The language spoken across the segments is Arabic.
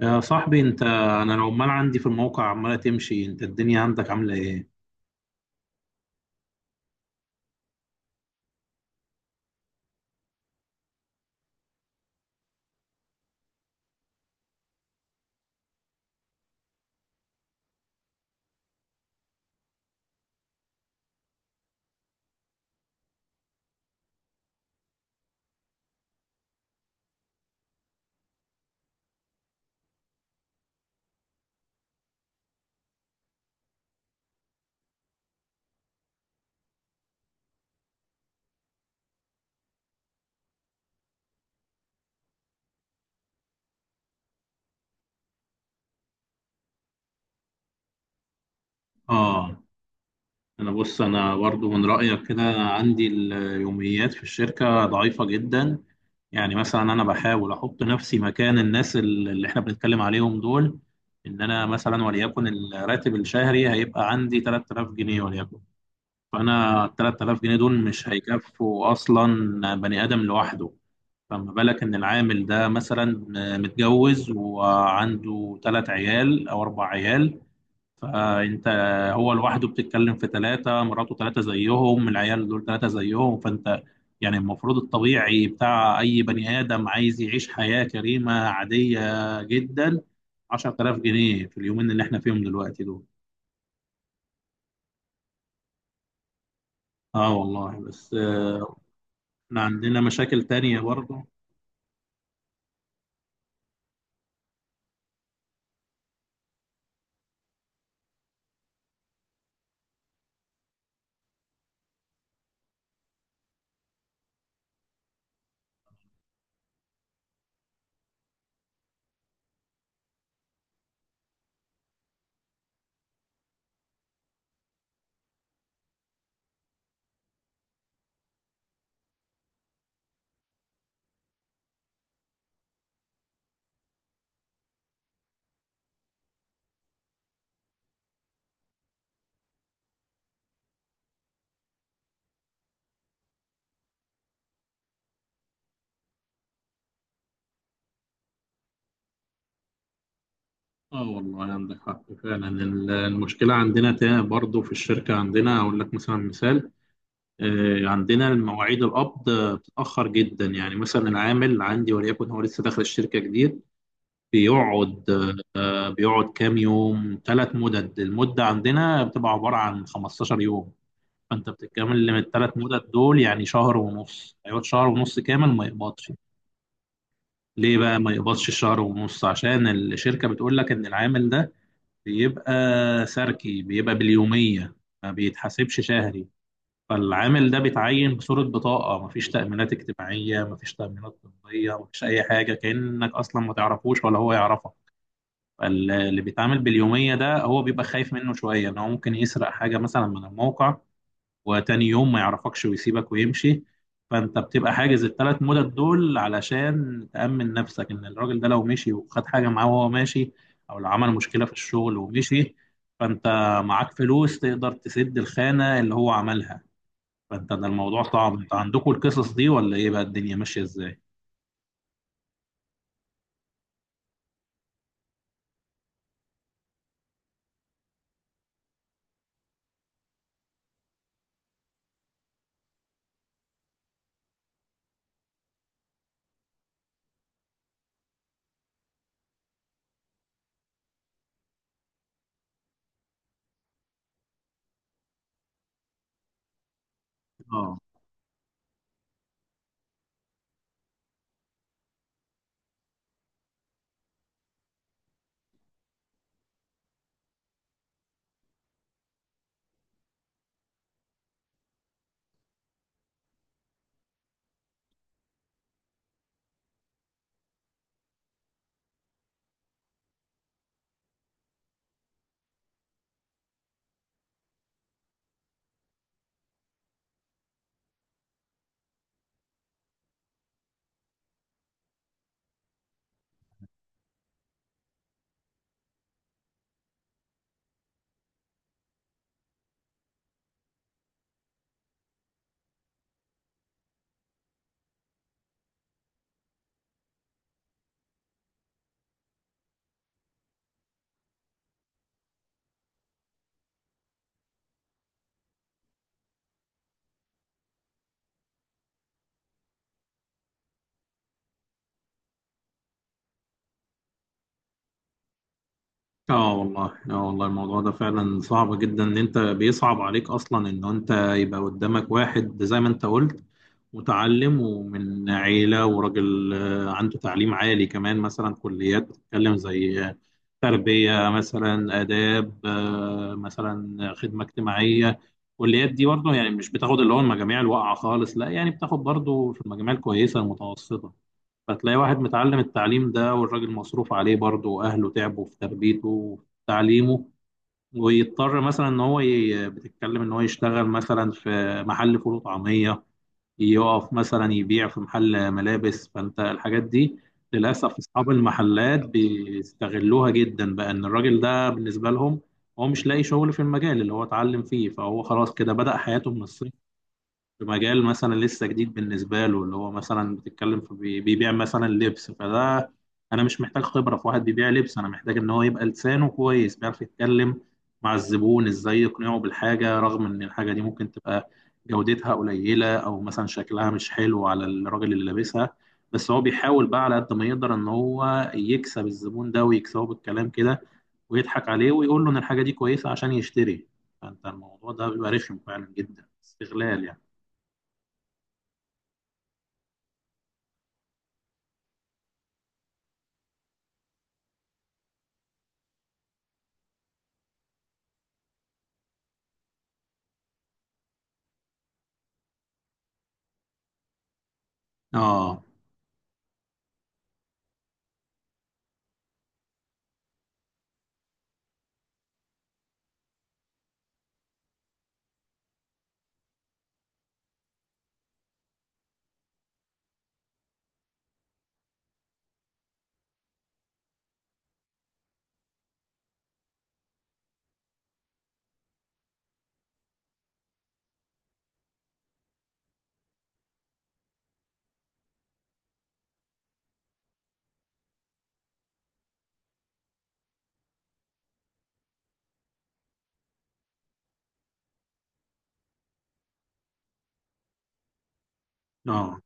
يا صاحبي انت، انا لو عمال عندي في الموقع عمالة تمشي، انت الدنيا عندك عاملة ايه؟ اه، انا بص، انا برضو من رأيك كده. عندي اليوميات في الشركة ضعيفة جدا. يعني مثلا انا بحاول احط نفسي مكان الناس اللي احنا بنتكلم عليهم دول. انا مثلا وليكن الراتب الشهري هيبقى عندي 3000 جنيه وليكن. فانا ال 3000 جنيه دول مش هيكفوا اصلا بني ادم لوحده. فما بالك إن العامل ده مثلا متجوز وعنده تلات عيال أو أربع عيال، فأنت، هو لوحده بتتكلم في تلاتة، مراته تلاتة زيهم، العيال دول تلاتة زيهم، فأنت يعني المفروض الطبيعي بتاع أي بني آدم عايز يعيش حياة كريمة عادية جدا. 10000 جنيه في اليومين اللي احنا فيهم دلوقتي دول. اه والله، بس احنا عندنا مشاكل تانية برضه. اه والله عندك حق فعلا. المشكله عندنا تاني برضو في الشركه، عندنا اقول لك مثلا مثال، عندنا المواعيد القبض بتتاخر جدا. يعني مثلا العامل عندي وليكن هو لسه داخل الشركه جديد، بيقعد، بيقعد كام يوم، ثلاث مدد. المده عندنا بتبقى عباره عن 15 يوم، فانت بتتكامل من الثلاث مدد دول، يعني شهر ونص. هيقعد شهر ونص كامل ما يقبضش. ليه بقى ما يقبضش الشهر ونص؟ عشان الشركه بتقول لك ان العامل ده بيبقى سركي، بيبقى باليومية، ما بيتحاسبش شهري. فالعامل ده بيتعين بصورة بطاقة، مفيش تأمينات اجتماعية، مفيش تأمينات طبية، مفيش أي حاجة، كأنك أصلا ما تعرفوش ولا هو يعرفك. فاللي بيتعامل باليومية ده هو بيبقى خايف منه شوية إن هو ممكن يسرق حاجة مثلا من الموقع، وتاني يوم ما يعرفكش ويسيبك ويمشي. فانت بتبقى حاجز الثلاث مدد دول علشان تأمن نفسك، ان الراجل ده لو مشي وخد حاجة معاه وهو ماشي، او لو عمل مشكلة في الشغل ومشي، فانت معاك فلوس تقدر تسد الخانة اللي هو عملها. فانت ده الموضوع صعب. انت عندكم القصص دي ولا ايه بقى، الدنيا ماشية ازاي؟ اه. اه والله الموضوع ده فعلا صعب جدا. ان انت بيصعب عليك اصلا ان انت يبقى قدامك واحد زي ما انت قلت، متعلم ومن عيلة وراجل، عنده تعليم عالي كمان. مثلا كليات بتتكلم زي تربية، مثلا آداب، مثلا خدمة اجتماعية. الكليات دي برضه يعني مش بتاخد اللي هو المجاميع الواقعة خالص، لا، يعني بتاخد برضه في المجاميع الكويسة المتوسطة. فتلاقي واحد متعلم التعليم ده، والراجل مصروف عليه برضه، وأهله تعبوا في تربيته وفي تعليمه، ويضطر مثلا إن هو بتتكلم إن هو يشتغل مثلا في محل فول وطعمية، يقف مثلا يبيع في محل ملابس. فأنت الحاجات دي للأسف أصحاب المحلات بيستغلوها جدا بقى، إن الراجل ده بالنسبة لهم هو مش لاقي شغل في المجال اللي هو اتعلم فيه، فهو خلاص كده بدأ حياته من الصفر في مجال مثلا لسه جديد بالنسبة له، اللي هو مثلا بتتكلم في بيبيع مثلا لبس. فده أنا مش محتاج خبرة في واحد بيبيع لبس، أنا محتاج إن هو يبقى لسانه كويس، بيعرف يتكلم مع الزبون إزاي يقنعه بالحاجة، رغم إن الحاجة دي ممكن تبقى جودتها قليلة أو مثلا شكلها مش حلو على الراجل اللي لابسها، بس هو بيحاول بقى على قد ما يقدر إن هو يكسب الزبون ده، ويكسبه بالكلام كده ويضحك عليه ويقول له إن الحاجة دي كويسة عشان يشتري. فأنت الموضوع ده بيبقى رخم فعلا جدا، استغلال يعني. اه اه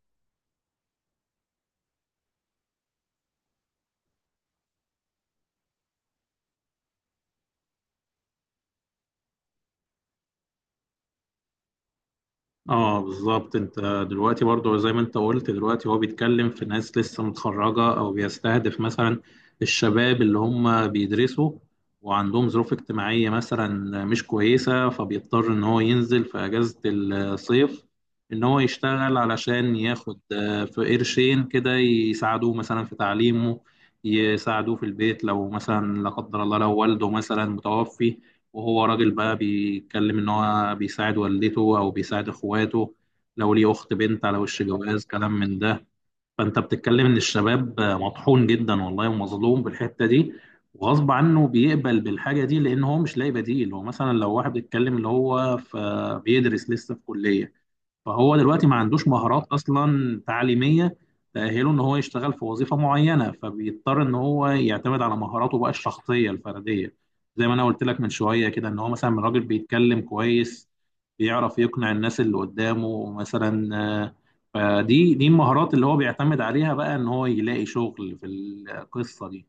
اه بالظبط. انت دلوقتي برضو زي ما انت قلت، دلوقتي هو بيتكلم في ناس لسه متخرجة، او بيستهدف مثلا الشباب اللي هم بيدرسوا وعندهم ظروف اجتماعية مثلا مش كويسة، فبيضطر ان هو ينزل في اجازة الصيف، ان هو يشتغل علشان ياخد في قرشين كده يساعدوه مثلا في تعليمه، يساعدوه في البيت، لو مثلا لا قدر الله لو والده مثلا متوفي وهو راجل بقى، بيتكلم إن هو بيساعد والدته أو بيساعد إخواته، لو ليه أخت بنت على وش جواز، كلام من ده. فأنت بتتكلم إن الشباب مطحون جدا والله ومظلوم بالحتة دي، وغصب عنه بيقبل بالحاجة دي لأن هو مش لاقي بديل. هو مثلا لو واحد بيتكلم اللي هو في بيدرس لسه في كلية، فهو دلوقتي ما عندوش مهارات اصلا تعليميه تأهله ان هو يشتغل في وظيفه معينه، فبيضطر ان هو يعتمد على مهاراته بقى الشخصيه الفرديه، زي ما انا قلت لك من شويه كده، ان هو مثلا راجل بيتكلم كويس، بيعرف يقنع الناس اللي قدامه مثلا، آه، فدي المهارات اللي هو بيعتمد عليها بقى ان هو يلاقي شغل في القصه دي.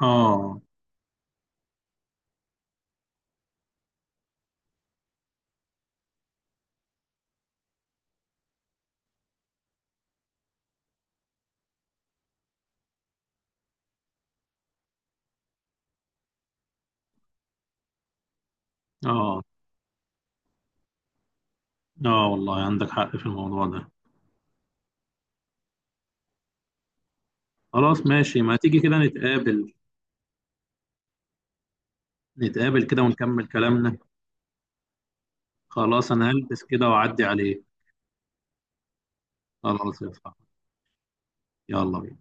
اه اه اه والله عندك حق في الموضوع ده. خلاص ماشي، ما تيجي كده نتقابل، نتقابل كده ونكمل كلامنا. خلاص انا هلبس كده واعدي عليه. خلاص يا صاحبي، يلا بينا.